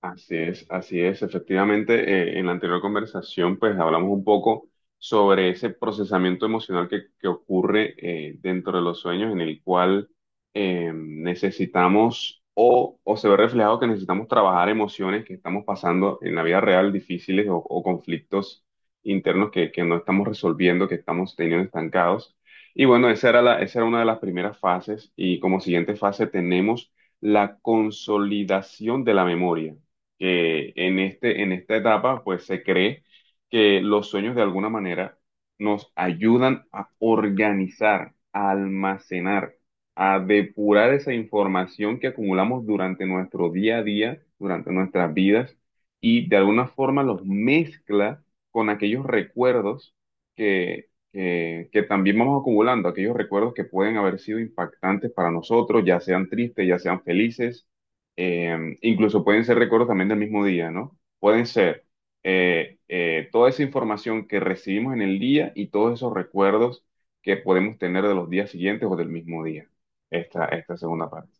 Así es, así es. Efectivamente, en la anterior conversación, pues hablamos un poco sobre ese procesamiento emocional que ocurre dentro de los sueños, en el cual necesitamos o se ve reflejado que necesitamos trabajar emociones que estamos pasando en la vida real, difíciles o conflictos internos que no estamos resolviendo, que estamos teniendo estancados. Y bueno, esa era esa era una de las primeras fases y como siguiente fase tenemos la consolidación de la memoria, que en en esta etapa, pues se cree que los sueños de alguna manera nos ayudan a organizar, a almacenar, a depurar esa información que acumulamos durante nuestro día a día, durante nuestras vidas, y de alguna forma los mezcla con aquellos recuerdos que... que- que también vamos acumulando, aquellos recuerdos que pueden haber sido impactantes para nosotros, ya sean tristes, ya sean felices, incluso pueden ser recuerdos también del mismo día, ¿no? Pueden ser toda esa información que recibimos en el día y todos esos recuerdos que podemos tener de los días siguientes o del mismo día, esta segunda parte.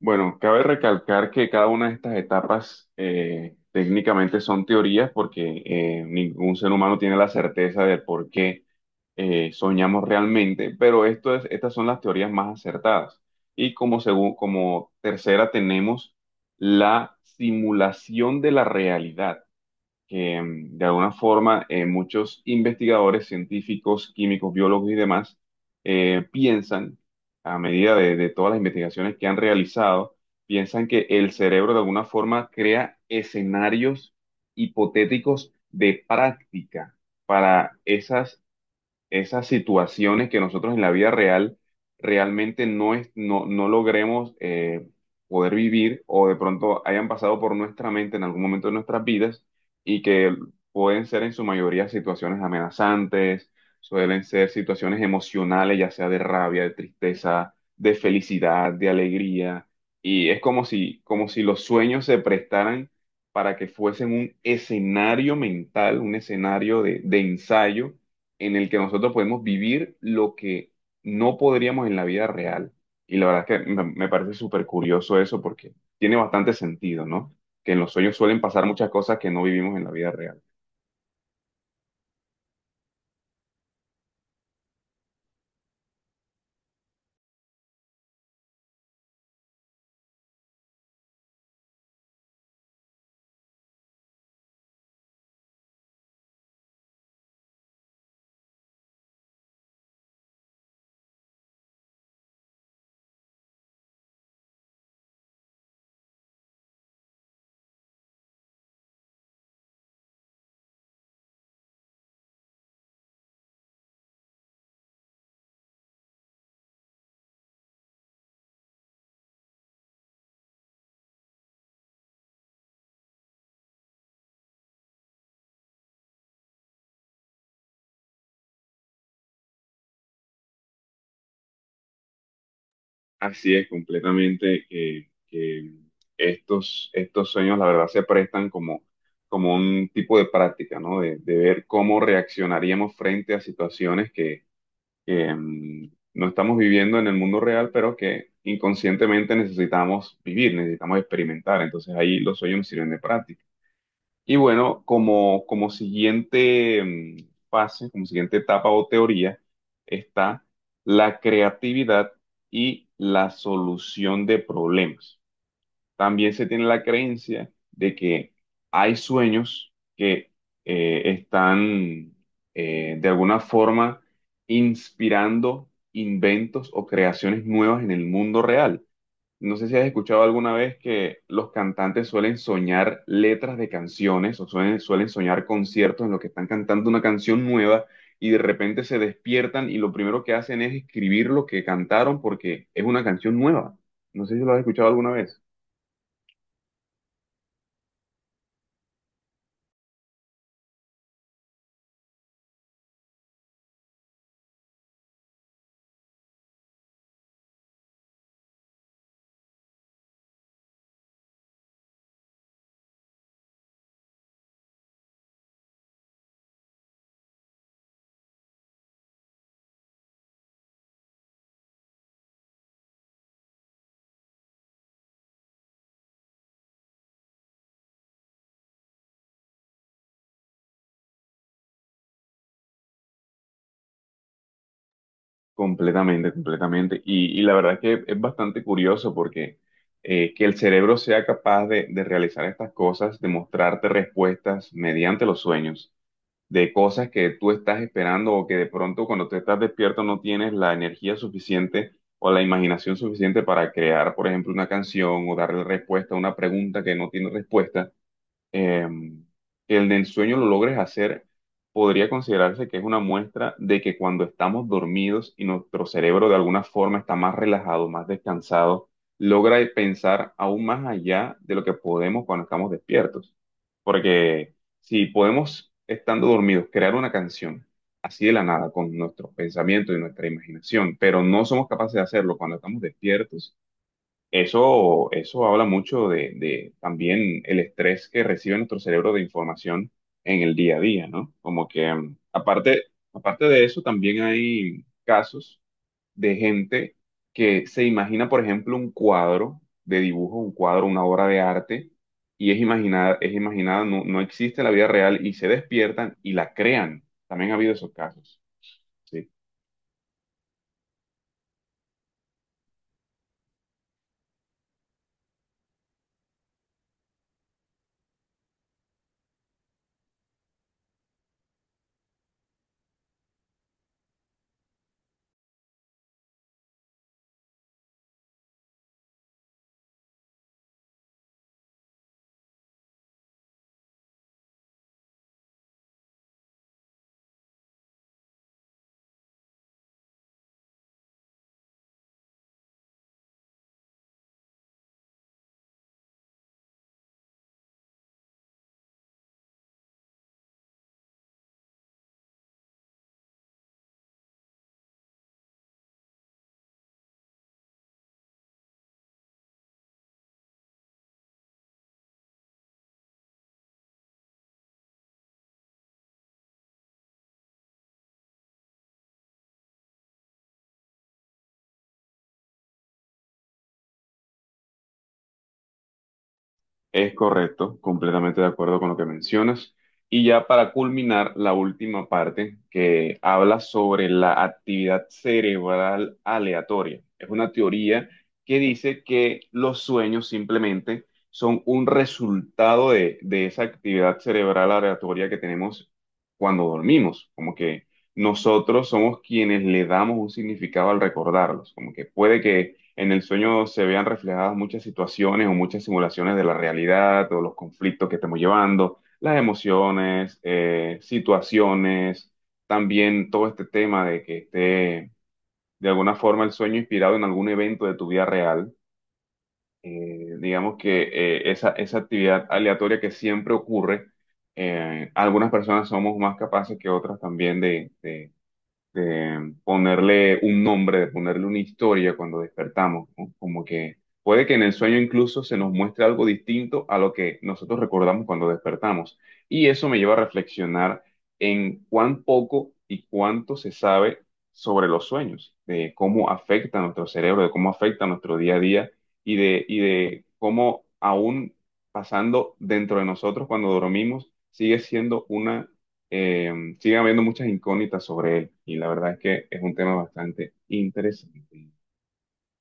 Bueno, cabe recalcar que cada una de estas etapas técnicamente son teorías porque ningún ser humano tiene la certeza del por qué soñamos realmente, pero esto es, estas son las teorías más acertadas. Y como, como tercera tenemos la simulación de la realidad, que de alguna forma, muchos investigadores, científicos, químicos, biólogos y demás piensan, a medida de todas las investigaciones que han realizado, piensan que el cerebro de alguna forma crea escenarios hipotéticos de práctica para esas situaciones que nosotros en la vida real realmente no, es, no, no logremos poder vivir, o de pronto hayan pasado por nuestra mente en algún momento de nuestras vidas, y que pueden ser en su mayoría situaciones amenazantes, suelen ser situaciones emocionales, ya sea de rabia, de tristeza, de felicidad, de alegría. Y es como si los sueños se prestaran para que fuesen un escenario mental, un escenario de ensayo en el que nosotros podemos vivir lo que no podríamos en la vida real. Y la verdad es que me parece súper curioso eso porque tiene bastante sentido, ¿no? Que en los sueños suelen pasar muchas cosas que no vivimos en la vida real. Así es, completamente, que estos sueños, la verdad, se prestan como, como un tipo de práctica, ¿no? De ver cómo reaccionaríamos frente a situaciones que no estamos viviendo en el mundo real, pero que inconscientemente necesitamos vivir, necesitamos experimentar. Entonces ahí los sueños me sirven de práctica. Y bueno, como, como siguiente fase, como siguiente etapa o teoría, está la creatividad y la solución de problemas. También se tiene la creencia de que hay sueños que están de alguna forma inspirando inventos o creaciones nuevas en el mundo real. No sé si has escuchado alguna vez que los cantantes suelen soñar letras de canciones, o suelen soñar conciertos en los que están cantando una canción nueva, y de repente se despiertan y lo primero que hacen es escribir lo que cantaron porque es una canción nueva. No sé si lo has escuchado alguna vez. Completamente, completamente. Y la verdad es que es bastante curioso porque que el cerebro sea capaz de realizar estas cosas, de mostrarte respuestas mediante los sueños, de cosas que tú estás esperando, o que de pronto cuando te estás despierto no tienes la energía suficiente o la imaginación suficiente para crear, por ejemplo, una canción, o darle respuesta a una pregunta que no tiene respuesta, eh, que el del sueño lo logres hacer. Podría considerarse que es una muestra de que cuando estamos dormidos y nuestro cerebro de alguna forma está más relajado, más descansado, logra pensar aún más allá de lo que podemos cuando estamos despiertos. Porque si podemos, estando dormidos, crear una canción así de la nada con nuestros pensamientos y nuestra imaginación, pero no somos capaces de hacerlo cuando estamos despiertos, eso habla mucho de también el estrés que recibe nuestro cerebro de información en el día a día, ¿no? Como que aparte, aparte de eso, también hay casos de gente que se imagina, por ejemplo, un cuadro de dibujo, un cuadro, una obra de arte, y es imaginada, no existe en la vida real, y se despiertan y la crean. También ha habido esos casos, ¿sí? Es correcto, completamente de acuerdo con lo que mencionas. Y ya para culminar, la última parte, que habla sobre la actividad cerebral aleatoria. Es una teoría que dice que los sueños simplemente son un resultado de esa actividad cerebral aleatoria que tenemos cuando dormimos. Como que nosotros somos quienes le damos un significado al recordarlos. Como que puede que en el sueño se vean reflejadas muchas situaciones o muchas simulaciones de la realidad, o los conflictos que estemos llevando, las emociones, situaciones, también todo este tema de que esté de alguna forma el sueño inspirado en algún evento de tu vida real. Digamos que esa, esa actividad aleatoria que siempre ocurre, algunas personas somos más capaces que otras también de ponerle un nombre, de ponerle una historia cuando despertamos, ¿no? Como que puede que en el sueño incluso se nos muestre algo distinto a lo que nosotros recordamos cuando despertamos. Y eso me lleva a reflexionar en cuán poco y cuánto se sabe sobre los sueños, de cómo afecta a nuestro cerebro, de cómo afecta a nuestro día a día, y de cómo aún pasando dentro de nosotros cuando dormimos, sigue siendo una eh, siguen habiendo muchas incógnitas sobre él, y la verdad es que es un tema bastante interesante.